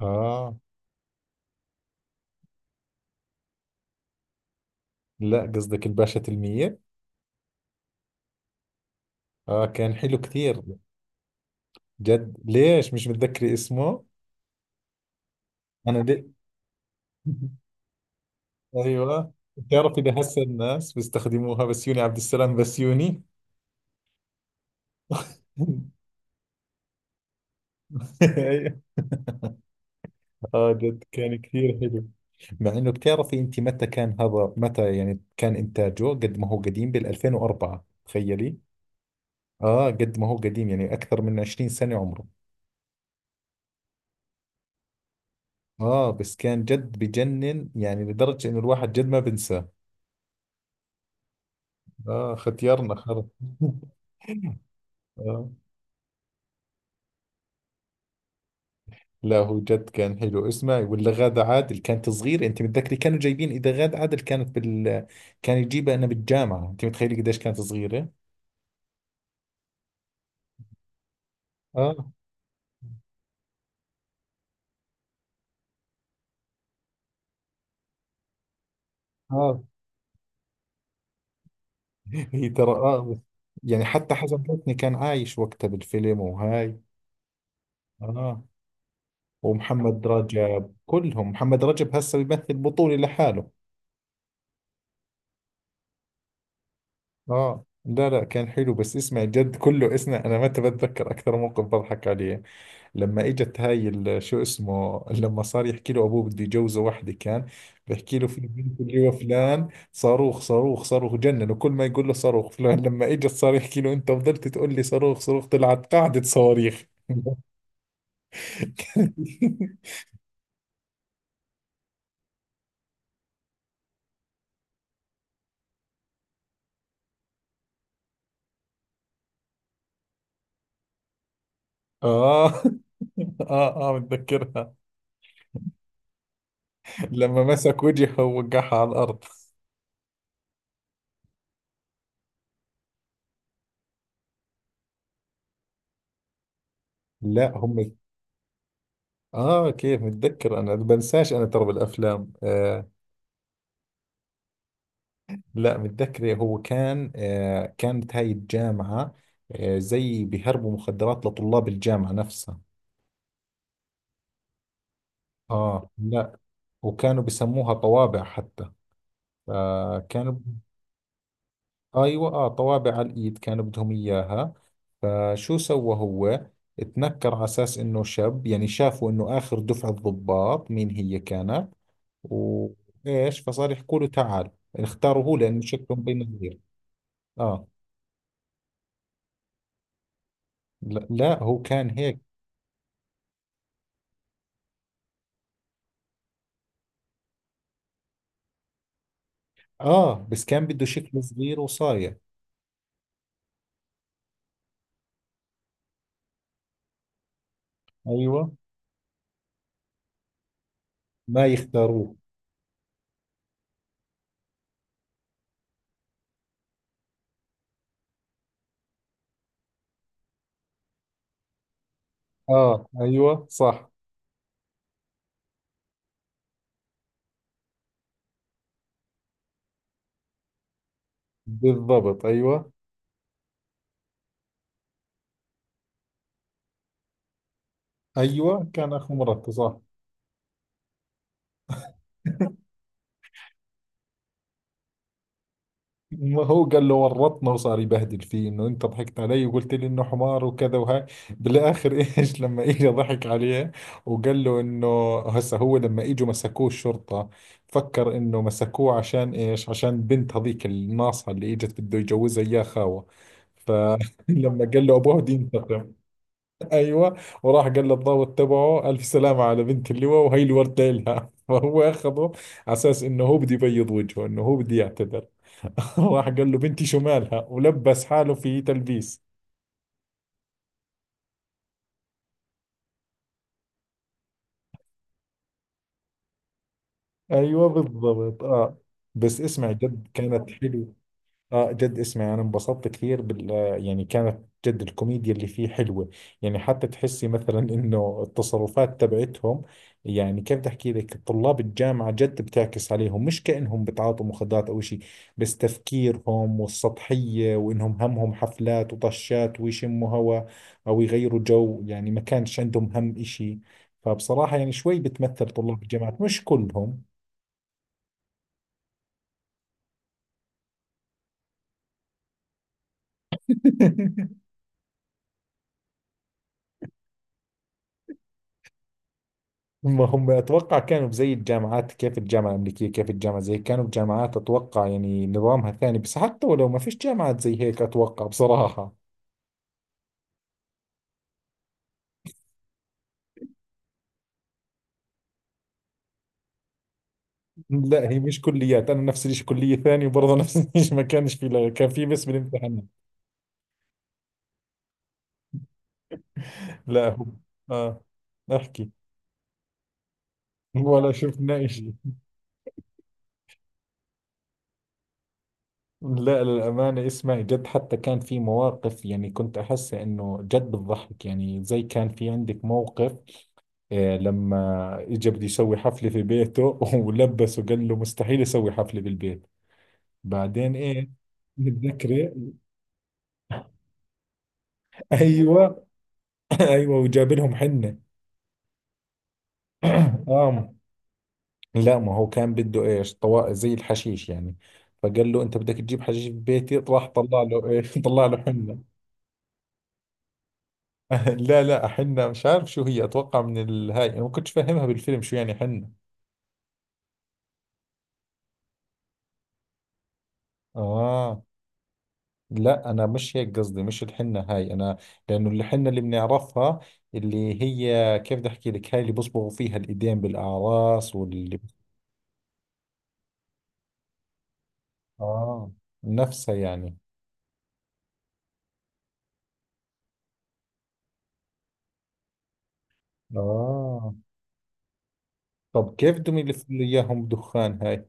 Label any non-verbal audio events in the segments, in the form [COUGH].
آه، لا قصدك الباشا تلميذ. آه كان حلو كثير. جد ليش مش متذكري اسمه؟ أنا ليه؟ [LAUGHS] أيوة بتعرفي لهسه الناس بيستخدموها بسيوني عبد السلام بسيوني. [LAUGHS] أيوة. آه جد كان كثير حلو. مع إنه بتعرفي أنت متى كان هذا يعني كان إنتاجه قد ما هو قديم بال 2004 تخيلي. آه قد ما هو قديم يعني أكثر من 20 سنة عمره. آه بس كان جد بجنن يعني لدرجة إنه الواحد جد ما بنساه. اه ختيارنا خرا. [LAUGHS] آه. لا هو جد كان حلو، اسمعي ولا غادة عادل كانت صغيرة؟ انت متذكري كانوا جايبين اذا غادة عادل كانت بال، كان يجيبها انا بالجامعة؟ انت متخيلي قديش كانت صغيرة؟ اه اه، هي ترى اه. يعني حتى حسن حسني كان عايش وقتها بالفيلم وهاي. اه، ومحمد رجب كلهم، محمد رجب هسه بيمثل بطولة لحاله. اه لا كان حلو. بس اسمع جد كله، اسمع انا متى بتذكر اكثر موقف بضحك عليه. لما اجت هاي شو اسمه، لما صار يحكي له ابوه بده يجوزه وحده كان بحكي له في بنت اللي هو فلان صاروخ صاروخ صاروخ، جنن كل ما يقول له صاروخ فلان. لما اجت صار يحكي له انت فضلت تقول لي صاروخ صاروخ طلعت قاعدة صواريخ. [LAUGHS] اه اه متذكرها. لما مسك وجهه ووقعها على الارض. لا هم. اه كيف متذكر، انا بنساش انا ترى بالافلام. آه لا متذكر، هو كان آه كانت هاي الجامعة، آه زي بيهربوا مخدرات لطلاب الجامعة نفسها. اه لا، وكانوا بسموها طوابع حتى. فكانوا، ايوه اه طوابع على الايد كانوا بدهم اياها. فشو سوى هو؟ اتنكر على اساس انه شاب، يعني شافوا انه اخر دفعة ضباط مين هي كانت، وايش، فصار يحكوا له تعال. اختاروا هو لانه شكله مبين. اه لا، هو كان هيك. اه بس كان بده شكله صغير وصايع. ايوه ما يختاروه. اه ايوه صح. بالضبط ايوه. ايوه كان اخو مرته صح. ما هو قال له ورطنا وصار يبهدل فيه انه انت ضحكت علي وقلت لي انه حمار وكذا وهاي بالاخر. [LAUGHS] ايش لما اجى ضحك عليه، وقال له انه هسه هو لما اجوا مسكوه الشرطة فكر انه مسكوه عشان ايش، عشان بنت هذيك الناصحة اللي اجت بده يجوزها اياه خاوة. فلما [LAUGHS] قال له ابوه بده ينتقم، ايوه، وراح قال للضابط تبعه الف سلامة على بنت اللواء وهي اللي ورد لها. [LAUGHS] فهو اخذه على اساس انه هو بده يبيض وجهه، انه هو بده يعتذر. [LAUGHS] راح قال له بنتي شمالها، ولبس حاله في تلبيس. ايوه بالضبط اه. بس اسمع جد كانت حلوة. اه جد، اسمعي انا انبسطت كثير بال، يعني كانت، جد الكوميديا اللي فيه حلوة. يعني حتى تحسي مثلا انه التصرفات تبعتهم، يعني كيف بدي احكي لك، طلاب الجامعة جد بتعكس عليهم، مش كأنهم بتعاطوا مخدرات او شيء. بس تفكيرهم والسطحية وانهم همهم حفلات وطشات ويشموا هوا، او يغيروا جو، يعني ما كانش عندهم هم اشي. فبصراحة يعني شوي بتمثل طلاب الجامعات، مش كلهم. [LAUGHS] ما هم اتوقع كانوا زي الجامعات، كيف الجامعه الامريكيه، كيف الجامعه زي كانوا بجامعات اتوقع يعني نظامها ثاني. بس حتى ولو ما فيش جامعات زي هيك اتوقع بصراحه. لا هي مش كليات، انا نفس الشيء كليه ثانيه وبرضه [LAUGHS] نفس الشيء، ما كانش في كان في بس بالامتحانات. لا هو، اه احكي. ولا شفنا شيء. لا للأمانة، اسمعي جد حتى كان في مواقف، يعني كنت أحس إنه جد بتضحك، يعني زي كان في عندك موقف إيه لما اجى بده يسوي حفلة في بيته. [LAUGHS] ولبسه قال له مستحيل اسوي حفلة بالبيت، بعدين ايه؟ متذكرة؟ [LAUGHS] ايوه. [LAUGHS] ايوه وجاب لهم حنة. [CLEARS THROAT] اه لا ما هو كان بده ايش، طوا زي الحشيش يعني. فقال له انت بدك تجيب حشيش في بيتي، راح طلع له ايش [LAUGHS] طلع له حنة. [LAUGHS] لا حنة، مش عارف شو هي، اتوقع من الهاي انا ما كنتش فاهمها بالفيلم شو يعني حنة. اه لا انا مش هيك قصدي، مش الحنة هاي انا، لانه الحنة اللي بنعرفها اللي هي كيف بدي احكي لك، هاي اللي بصبغوا فيها الايدين بالاعراس واللي، اه نفسها يعني. اه طب كيف بدهم يلفوا لي اياهم دخان هاي؟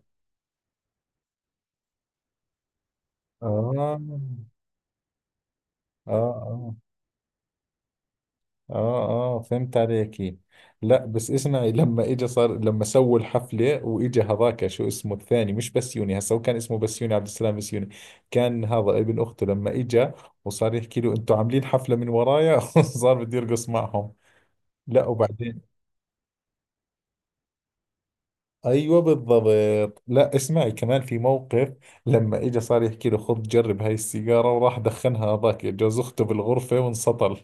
اه اه اه اه اه فهمت عليك. لا بس اسمعي لما اجى صار، لما سووا الحفلة واجى هذاك شو اسمه الثاني، مش بسيوني هسا، هو كان اسمه بسيوني عبد السلام بسيوني، كان هذا ابن اخته. لما اجى وصار يحكي له انتوا عاملين حفلة من ورايا، [LAUGHS] صار بده يرقص معهم. لا وبعدين، ايوه بالضبط. لا اسمعي، كمان في موقف لما اجى صار يحكي له خذ جرب هاي السيجارة، وراح دخنها هذاك جوز اخته بالغرفة وانسطل.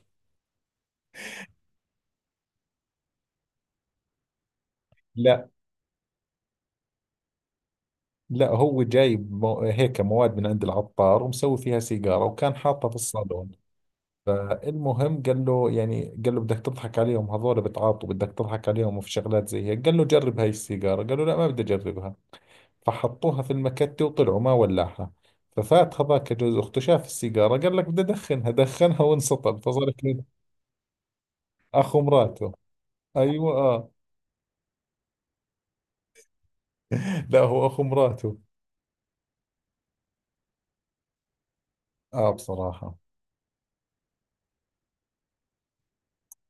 لا لا هو جايب مو هيك مواد من عند العطار ومسوي فيها سيجارة وكان حاطها في الصالون. فالمهم قال له يعني، قال له بدك تضحك عليهم هذول بتعاطوا، بدك تضحك عليهم في شغلات زي هيك، قال له جرب هاي السيجارة، قال له لا ما بدي أجربها. فحطوها في المكتة وطلعوا ما ولعها. ففات هذاك جوز أخته شاف السيجارة قال لك بدي أدخنها، دخنها وانسطل، فصار كأنه أخو مراته. أيوة آه. [LAUGHS] لا هو أخو مراته. آه بصراحة.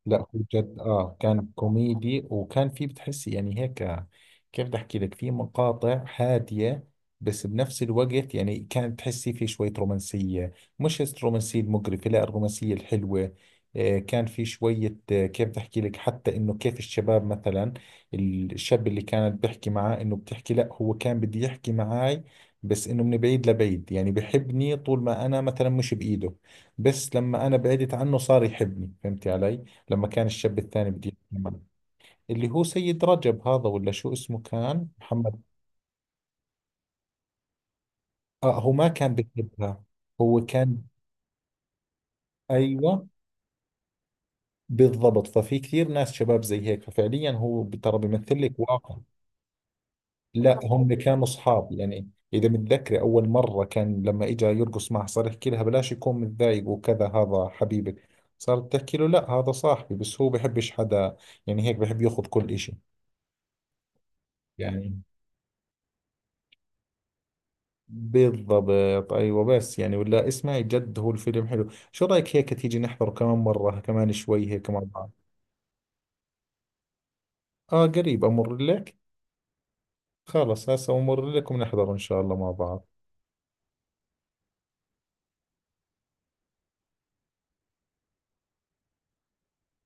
لا هو جد اه كان كوميدي، وكان في بتحسي يعني هيك كيف بدي احكي لك، في مقاطع هادية، بس بنفس الوقت يعني كانت تحسي في شوية رومانسية، مش الرومانسية المقرفة لا الرومانسية الحلوة. آه كان في شوية آه كيف بدي احكي لك، حتى انه كيف الشباب مثلا، الشاب اللي كانت بحكي معاه انه بتحكي، لا هو كان بدي يحكي معاي بس انه من بعيد لبعيد، يعني بحبني طول ما انا مثلا مش بايده، بس لما انا بعدت عنه صار يحبني، فهمتي علي؟ لما كان الشاب الثاني بده يتجمل، اللي هو سيد رجب هذا ولا شو اسمه كان محمد. آه هو ما كان بيحبها، هو كان، أيوة بالضبط. ففي كثير ناس شباب زي هيك، ففعليا هو ترى بيمثل لك واقع. لا هم كانوا أصحاب، يعني إذا متذكري أول مرة كان لما إجا يرقص معها صار يحكي لها بلاش يكون متضايق وكذا هذا حبيبك، صارت تحكي له لا هذا صاحبي بس هو بحبش حدا، يعني هيك بحب ياخذ كل إشي. يعني بالضبط ايوه. بس يعني ولا اسمعي جد هو الفيلم حلو، شو رايك هيك تيجي نحضر كمان مره كمان شوي هيك مع بعض؟ اه قريب، امر لك. خلص هسه امر لك ونحضر ان شاء الله مع بعض.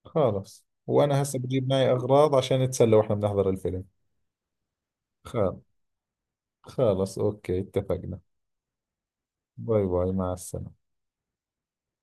خلص وانا هسه بجيب معي اغراض عشان نتسلى واحنا بنحضر الفيلم. خلص، خلص اوكي اتفقنا. باي باي مع السلامه.